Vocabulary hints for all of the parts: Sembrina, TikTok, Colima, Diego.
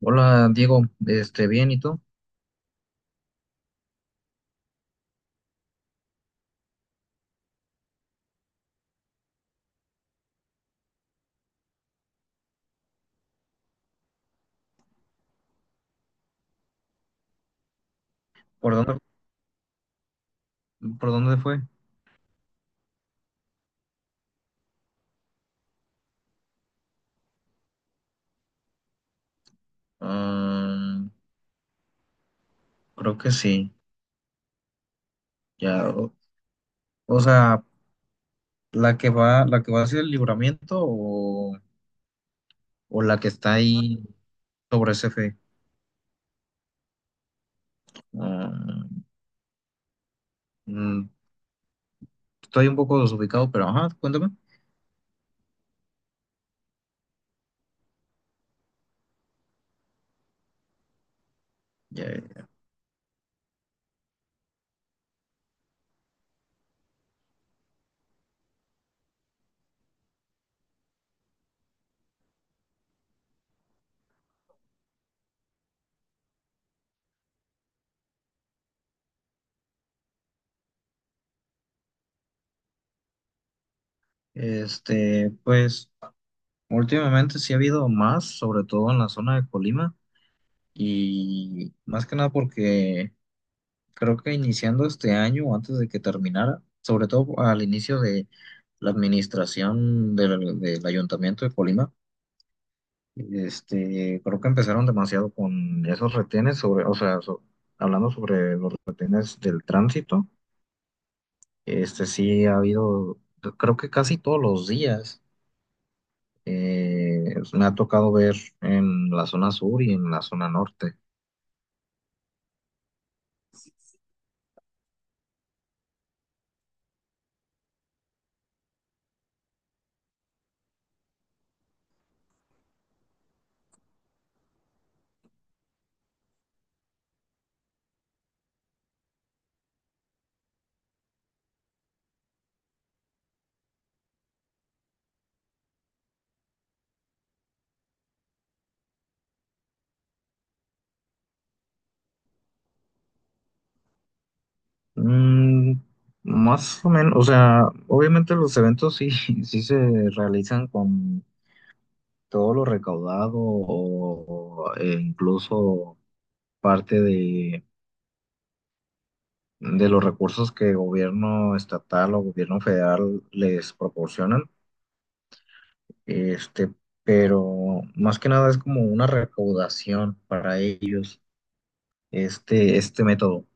Hola Diego, bien, ¿y tú? ¿Por dónde, por dónde fue? Mm, creo que sí, ya, o sea, la que va hacia el libramiento, o la que está ahí sobre ese fe. Ah, mm, estoy un poco desubicado, pero ajá, cuéntame. Ya. Pues últimamente sí ha habido más, sobre todo en la zona de Colima, y más que nada porque creo que iniciando este año o antes de que terminara, sobre todo al inicio de la administración del Ayuntamiento de Colima, este, creo que empezaron demasiado con esos retenes sobre, o sea, hablando sobre los retenes del tránsito. Este, sí ha habido, creo que casi todos los días. Eh, me ha tocado ver en la zona sur y en la zona norte. Mm, más o menos, o sea, obviamente los eventos sí, sí se realizan con todo lo recaudado o incluso parte de los recursos que gobierno estatal o gobierno federal les proporcionan. Este, pero más que nada es como una recaudación para ellos, este método.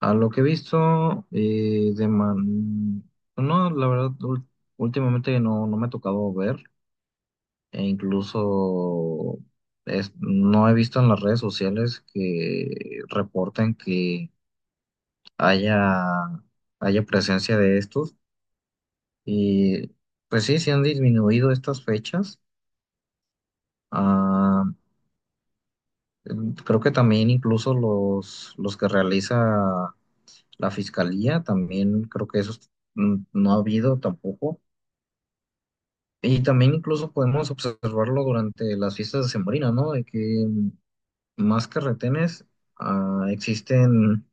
A lo que he visto, eh. No, la verdad, últimamente no, no me ha tocado ver, e incluso no he visto en las redes sociales que reporten que haya, haya presencia de estos. Y pues sí, se han disminuido estas fechas. Ah, mm, creo que también incluso los que realiza la fiscalía, también creo que esos mm, no ha habido tampoco. Y también incluso podemos observarlo durante las fiestas de Sembrina, ¿no? De que más que retenes, ah, existen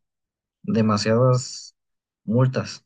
demasiadas multas.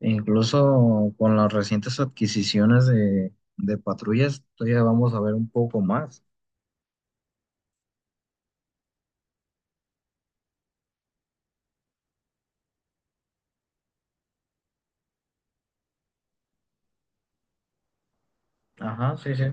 E incluso con las recientes adquisiciones de patrullas, todavía vamos a ver un poco más. Ajá, sí, sí.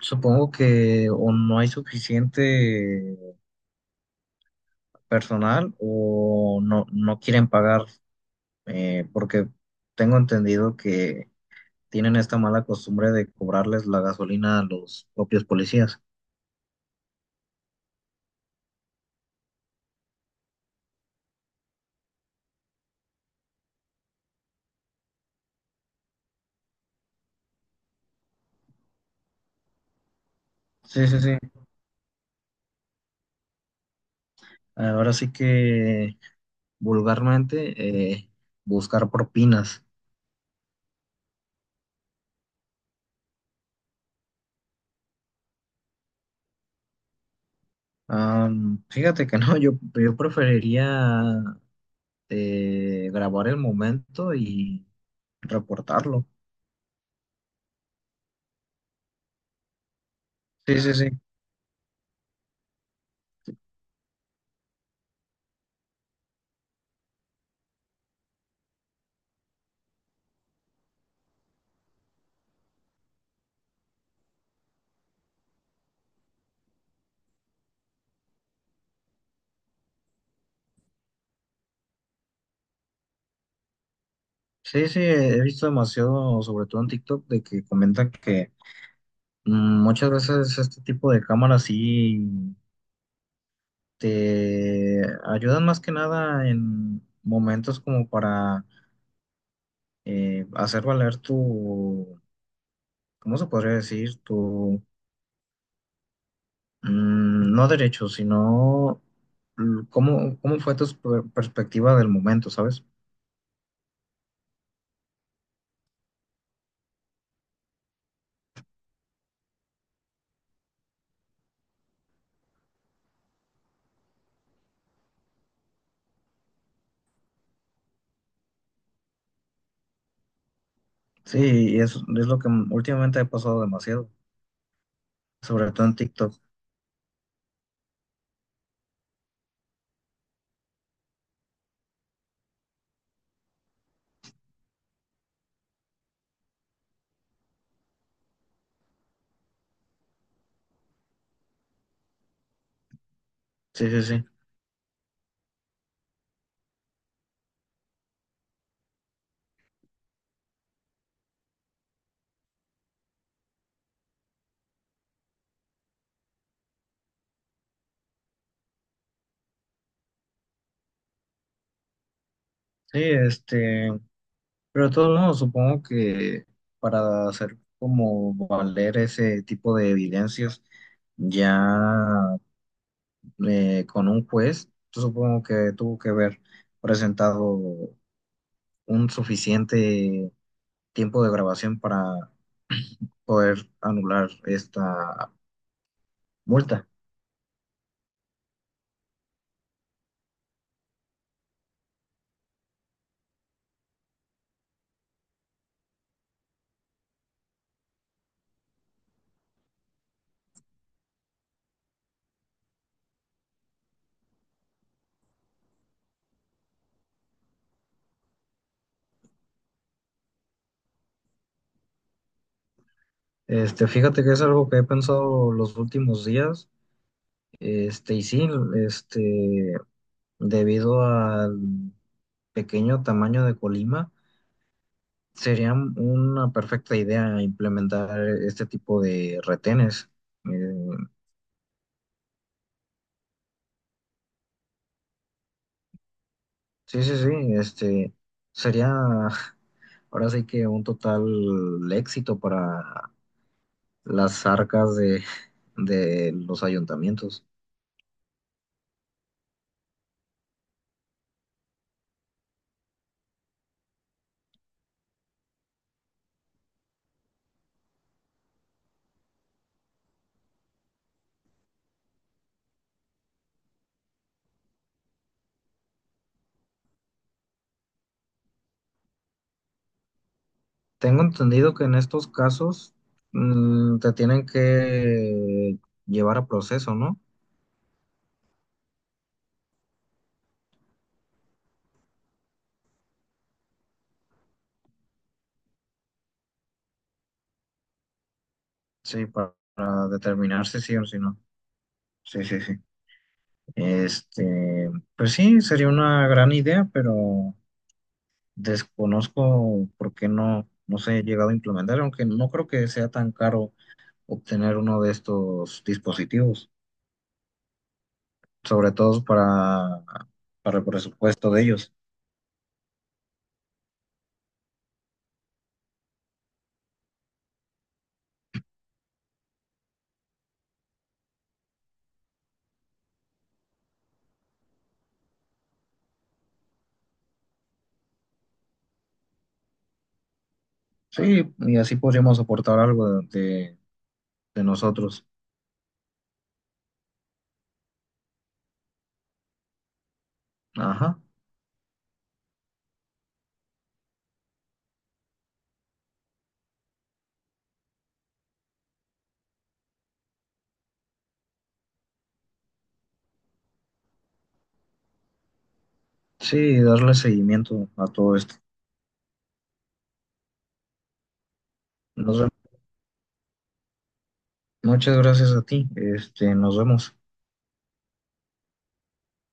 Supongo que o no hay suficiente personal o no, no quieren pagar, porque tengo entendido que tienen esta mala costumbre de cobrarles la gasolina a los propios policías. Sí, sí, sí. Ahora sí que vulgarmente, buscar propinas. Am, fíjate que no, yo preferiría, grabar el momento y reportarlo. Sí, sí, sí. Sí, sí, he visto demasiado, sobre todo en TikTok, de que comentan que mm, muchas veces este tipo de cámaras sí te ayudan más que nada en momentos como para hacer valer tu, ¿cómo se podría decir? Tu, mm, no derecho, sino mm, cómo, cómo fue tu perspectiva del momento, ¿sabes? Sí, y es lo que últimamente ha pasado demasiado, sobre todo en TikTok. Sí, sí, sí. Sí, este, pero de todos modos, supongo que para hacer como valer ese tipo de evidencias, ya, con un juez, yo supongo que tuvo que haber presentado un suficiente tiempo de grabación para poder anular esta multa. Este, fíjate que es algo que he pensado los últimos días. Este, y sí, este, debido al pequeño tamaño de Colima, sería una perfecta idea implementar este tipo de retenes. Eh, sí, sí, sí, este, sería ahora sí que un total éxito para las arcas de los ayuntamientos. Tengo entendido que en estos casos mm, te tienen que llevar a proceso, ¿no? Sí, para determinar si sí o si no. Sí, sí, sí. Este, pues sí, sería una gran idea, pero desconozco por qué no, no se ha llegado a implementar, aunque no creo que sea tan caro obtener uno de estos dispositivos. Sobre todo para el presupuesto de ellos. Sí, y así podríamos aportar algo de de nosotros. Ajá. Sí, darle seguimiento a todo esto. Nos vemos. Muchas gracias a ti. Este, nos vemos.